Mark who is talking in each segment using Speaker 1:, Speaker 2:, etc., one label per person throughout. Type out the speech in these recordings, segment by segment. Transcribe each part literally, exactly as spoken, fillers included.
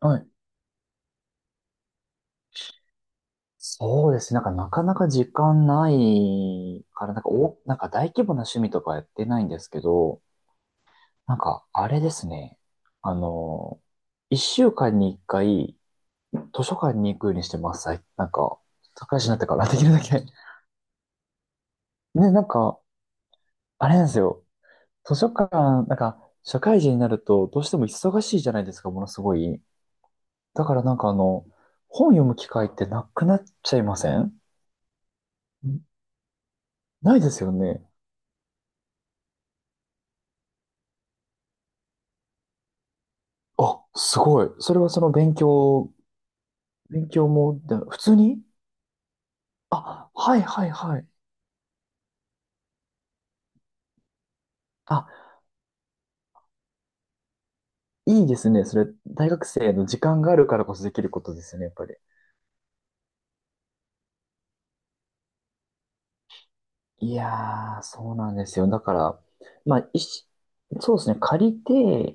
Speaker 1: はい。そうですね。なんか、なかなか時間ないから、なんか、お、なんか大規模な趣味とかやってないんですけど、なんか、あれですね。あの、一週間に一回、図書館に行くようにしてます。最なんか、社会人になってから、できるだけ。ね、なんか、あれなんですよ。図書館、なんか、社会人になると、どうしても忙しいじゃないですか、ものすごい。だからなんかあの、本読む機会ってなくなっちゃいませんん、ないですよね。あ、すごい。それはその勉強、勉強も、で普通に、あ、はいはいはい。あ、いいですね。それ、大学生の時間があるからこそできることですよね、やっぱり。いやー、そうなんですよ。だから、まあ、一そうですね。借り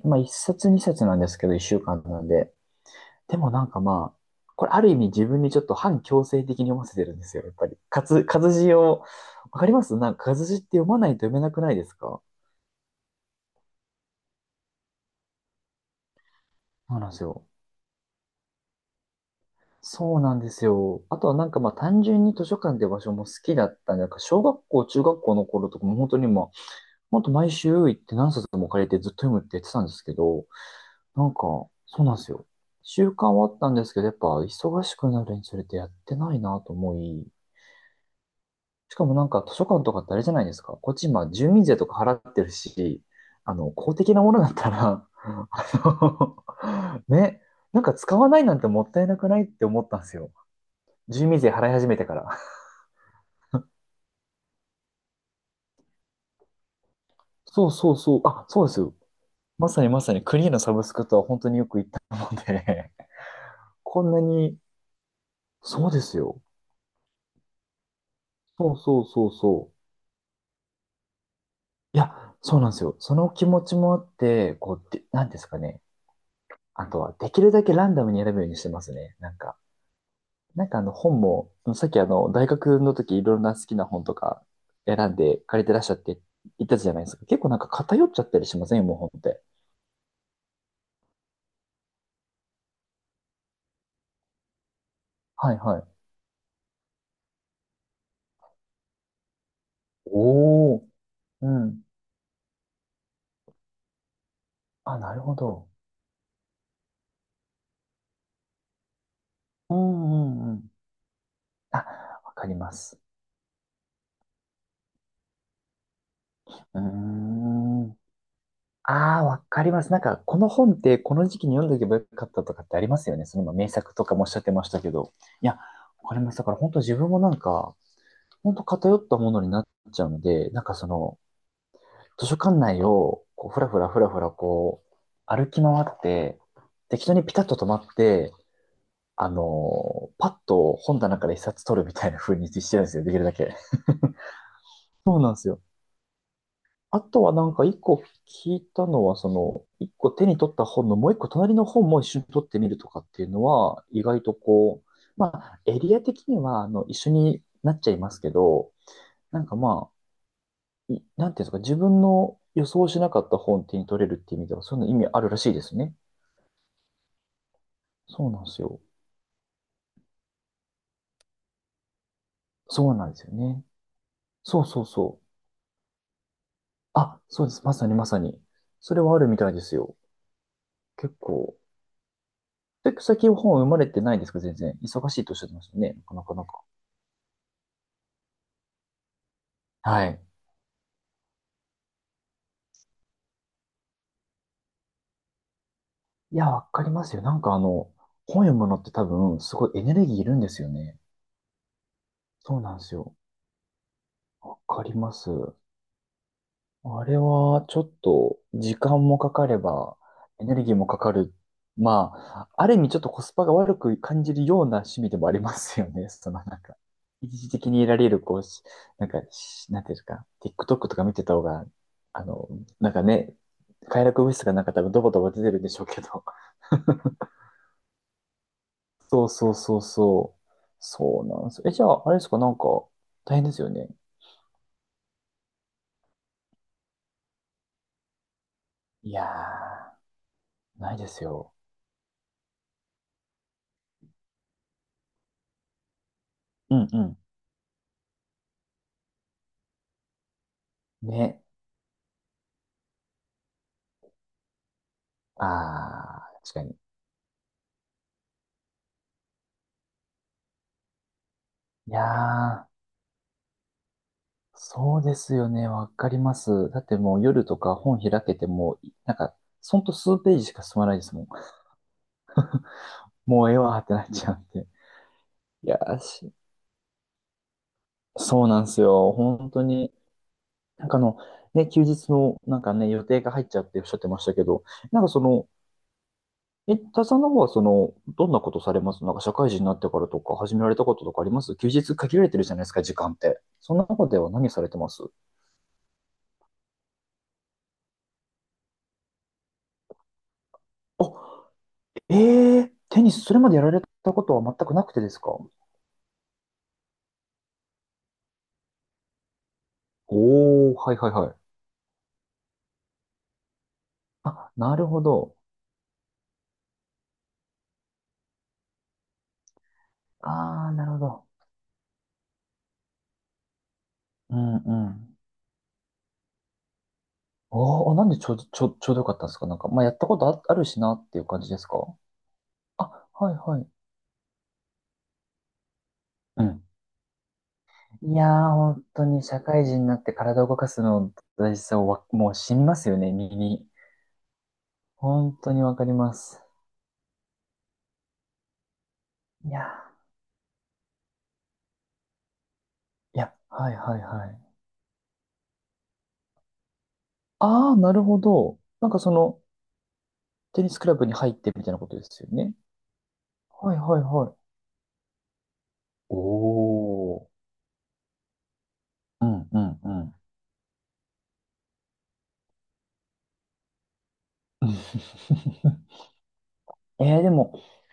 Speaker 1: て、まあ、一冊二冊なんですけど、一週間なんで。でもなんかまあ、これある意味自分にちょっと反強制的に読ませてるんですよ、やっぱり。活、活字を、わかります、なんか活字って読まないと読めなくないですか？そうなんですよ。そうなんですよ。あとはなんかまあ単純に図書館って場所も好きだったんで、なんか小学校、中学校の頃とかも本当にもうほんと毎週行って何冊も借りてずっと読むって言ってたんですけど、なんか、そうなんですよ。習慣はあったんですけど、やっぱ忙しくなるにつれてやってないなと思い、しかもなんか図書館とかってあれじゃないですか。こっち今住民税とか払ってるし、あの、公的なものだったら、あのね、なんか使わないなんてもったいなくないって思ったんですよ。住民税払い始めてから。そうそうそう。あ、そうですよ。まさにまさにクリーのサブスクとは本当によく言ったので、 こんなに、そうですよ。そうそうそうそう。いや、そうなんですよ。その気持ちもあって、こう、で、なんですかね。あとは、できるだけランダムに選ぶようにしてますね。なんか、なんかあの本も、さっきあの、大学の時いろんな好きな本とか選んで借りてらっしゃって言ったじゃないですか。結構なんか偏っちゃったりしませんよ、もう本って。はいはい。おお、うん。あ、なるほど。うんうんうん。あ、わかります。うーん。ああ、わかります。なんか、この本ってこの時期に読んでおけばよかったとかってありますよね。その今、名作とかもおっしゃってましたけど。いや、わかります。だから本当自分もなんか、本当偏ったものになっちゃうので、なんかその、図書館内を、こう、ふらふらふらふら、こう、歩き回って、適当にピタッと止まって、あのーパッと本棚から一冊取るみたいな風にしてるんですよ。できるだけ。そうなんですよ。あとはなんか一個聞いたのは、その、一個手に取った本のもう一個隣の本も一緒に取ってみるとかっていうのは、意外とこう、まあ、エリア的には、あの、一緒になっちゃいますけど、なんかまあ、い、なんていうんですか、自分の予想しなかった本手に取れるっていう意味では、そういうの意味あるらしいですね。そうなんですよ。そうなんですよね。そうそうそう。あ、そうです。まさにまさに。それはあるみたいですよ。結構。で、最近本生まれてないですか、全然。忙しいとおっしゃってましたね。なかなか、はい。いや、わかりますよ。なんかあの、本読むのって多分、すごいエネルギーいるんですよね。そうなんですよ。わかります。あれは、ちょっと、時間もかかれば、エネルギーもかかる。まあ、ある意味ちょっとコスパが悪く感じるような趣味でもありますよね。そのなんか、一時的に得られる、こうし、なんか、しなんていうんですか、TikTok とか見てた方が、あの、なんかね、快楽物質がなんか多分ドボドボ出てるんでしょうけど。そうそうそうそう。そうなんです。え、じゃあ、あれですか、なんか、大変ですよね。いやー、ないですよ。うんうん。ね。あー、確かに。いやー、そうですよね。わかります。だってもう夜とか本開けても、なんか、ほんと数ページしか進まないですもん。もうええわーってなっちゃうんで。いやーし、そうなんですよ。本当に。なんかあの、ね、休日のなんかね、予定が入っちゃうっておっしゃってましたけど、なんかその、え、田さんの方はその、どんなことされます？なんか社会人になってからとか始められたこととかあります？休日限られてるじゃないですか、時間って。その中では何されてます？あ、えー、テニス、それまでやられたことは全くなくてですか？おー、はいはいはい。あ、なるほど。あー、なるほど。うんうん。おー、なんでちょうど、ちょ、ちょうどよかったんですか？なんか、まあ、やったことあ、あるしなっていう感じですか？あ、はいはい。うん、いやー、本当に社会人になって体を動かすの大事さをわもう染みますよね、身に。本当にわかります。いやー、いや、はいはいはい。あー、なるほど。なんかその、テニスクラブに入ってみたいなことですよね。はいはいはい。おー。うんうんうん。えー、でも、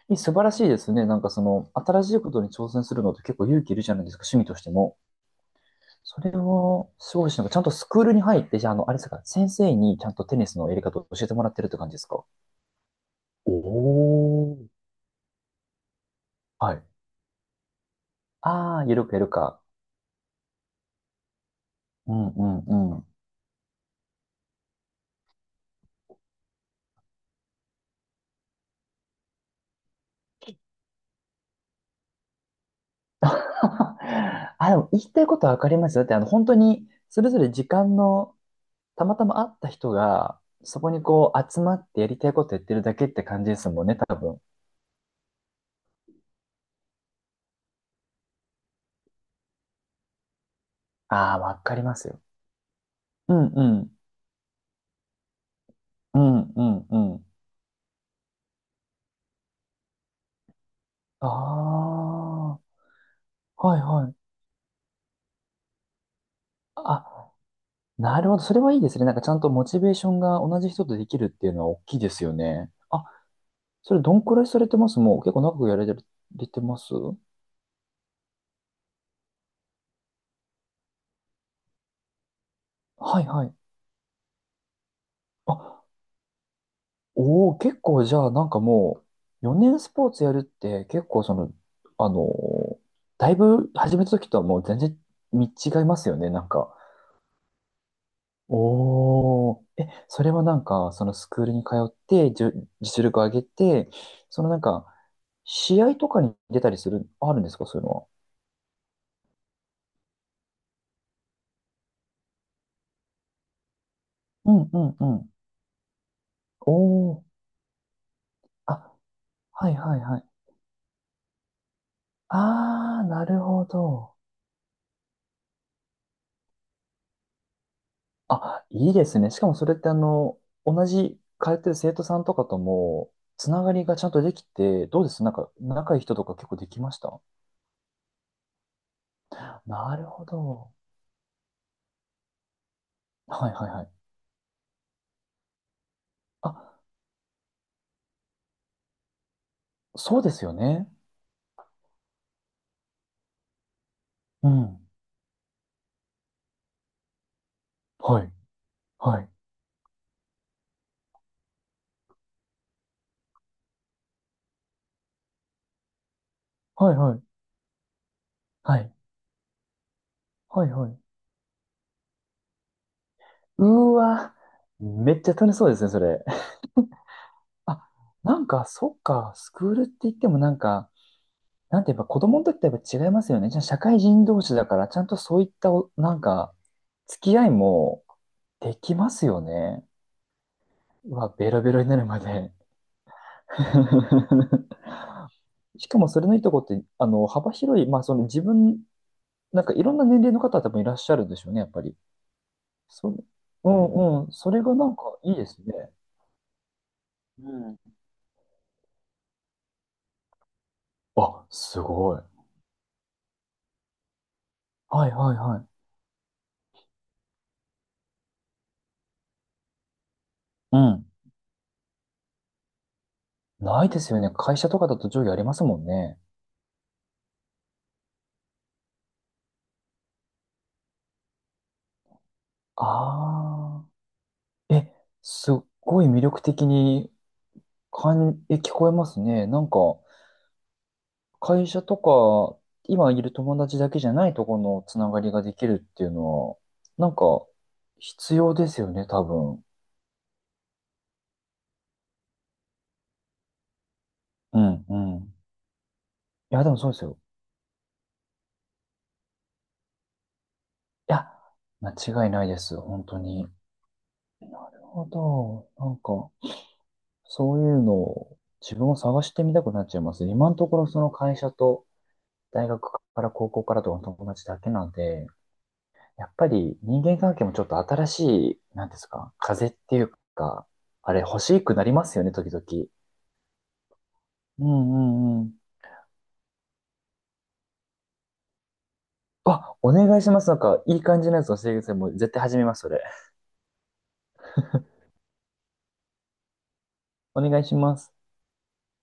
Speaker 1: いい素晴らしいですね。なんかその、新しいことに挑戦するのって結構勇気いるじゃないですか、趣味としても。それは、すごいし、なんかちゃんとスクールに入って、じゃあ、あの、あれですか、先生にちゃんとテニスのやり方を教えてもらってるって感じですか？おー。はい。ああ、ゆるくやるか。うんうんうん。あ、でも言いたいことはわかりますよ。だって、あの、本当に、それぞれ時間の、たまたま会った人が、そこにこう、集まってやりたいことやってるだけって感じですもんね、多分。ああ、わかりますよ。うんうん。うんうんうん。ああ、はいはい。あ、なるほど。それはいいですね。なんかちゃんとモチベーションが同じ人とできるっていうのは大きいですよね。あ、それどんくらいされてます？もう結構長くやられてます？はいはい。あ、おお、結構じゃあなんかもうよねんスポーツやるって結構その、あのーだいぶ始めた時とはもう全然見違いますよね。なんか。おお、え、それはなんかそのスクールに通ってじゅ実力を上げて、そのなんか試合とかに出たりする、あるんですかそういうのは。うんうんうん。おお。あ、はいはいはい。ああ、なるほど。あ、いいですね。しかもそれってあの、同じ通ってる生徒さんとかとも、つながりがちゃんとできて、どうです、なんか、仲いい人とか結構できました？なるほど。はいはいはい。あ、そうですよね。うん。はい。はい。はいはい。はい。はいはい。うーわ。めっちゃ楽しそうですね、それ。あ、なんか、そっか、スクールって言ってもなんか、なんてやっぱ子供の時とやっぱ違いますよね。じゃあ社会人同士だから、ちゃんとそういったお、なんか、付き合いもできますよね。うわ、ベロベロになるまで。しかもそれのいいとこって、あの、幅広い、まあその自分、なんかいろんな年齢の方多分いらっしゃるでしょうね、やっぱり。そう、うんうん、それがなんかいいですね。うん。あ、すごい。はいはいはい。うん。ないですよね。会社とかだと上下ありますもんね。ああ。え、すっごい魅力的に感、え、聞こえますね。なんか、会社とか、今いる友達だけじゃないところのつながりができるっていうのは、なんか、必要ですよね、多分。うん、うん。いや、でもそうですよ。いや、間違いないです、本当に。なるほど。なんか、そういうのを自分も探してみたくなっちゃいます。今のところその会社と大学から高校からとかの友達だけなんで、やっぱり人間関係もちょっと新しい、なんですか、風っていうか、あれ欲しくなりますよね、時々。うんうんうん。あ、お願いします。なんか、いい感じのやつ教えてください。もう絶対始めます、それ。お願いします。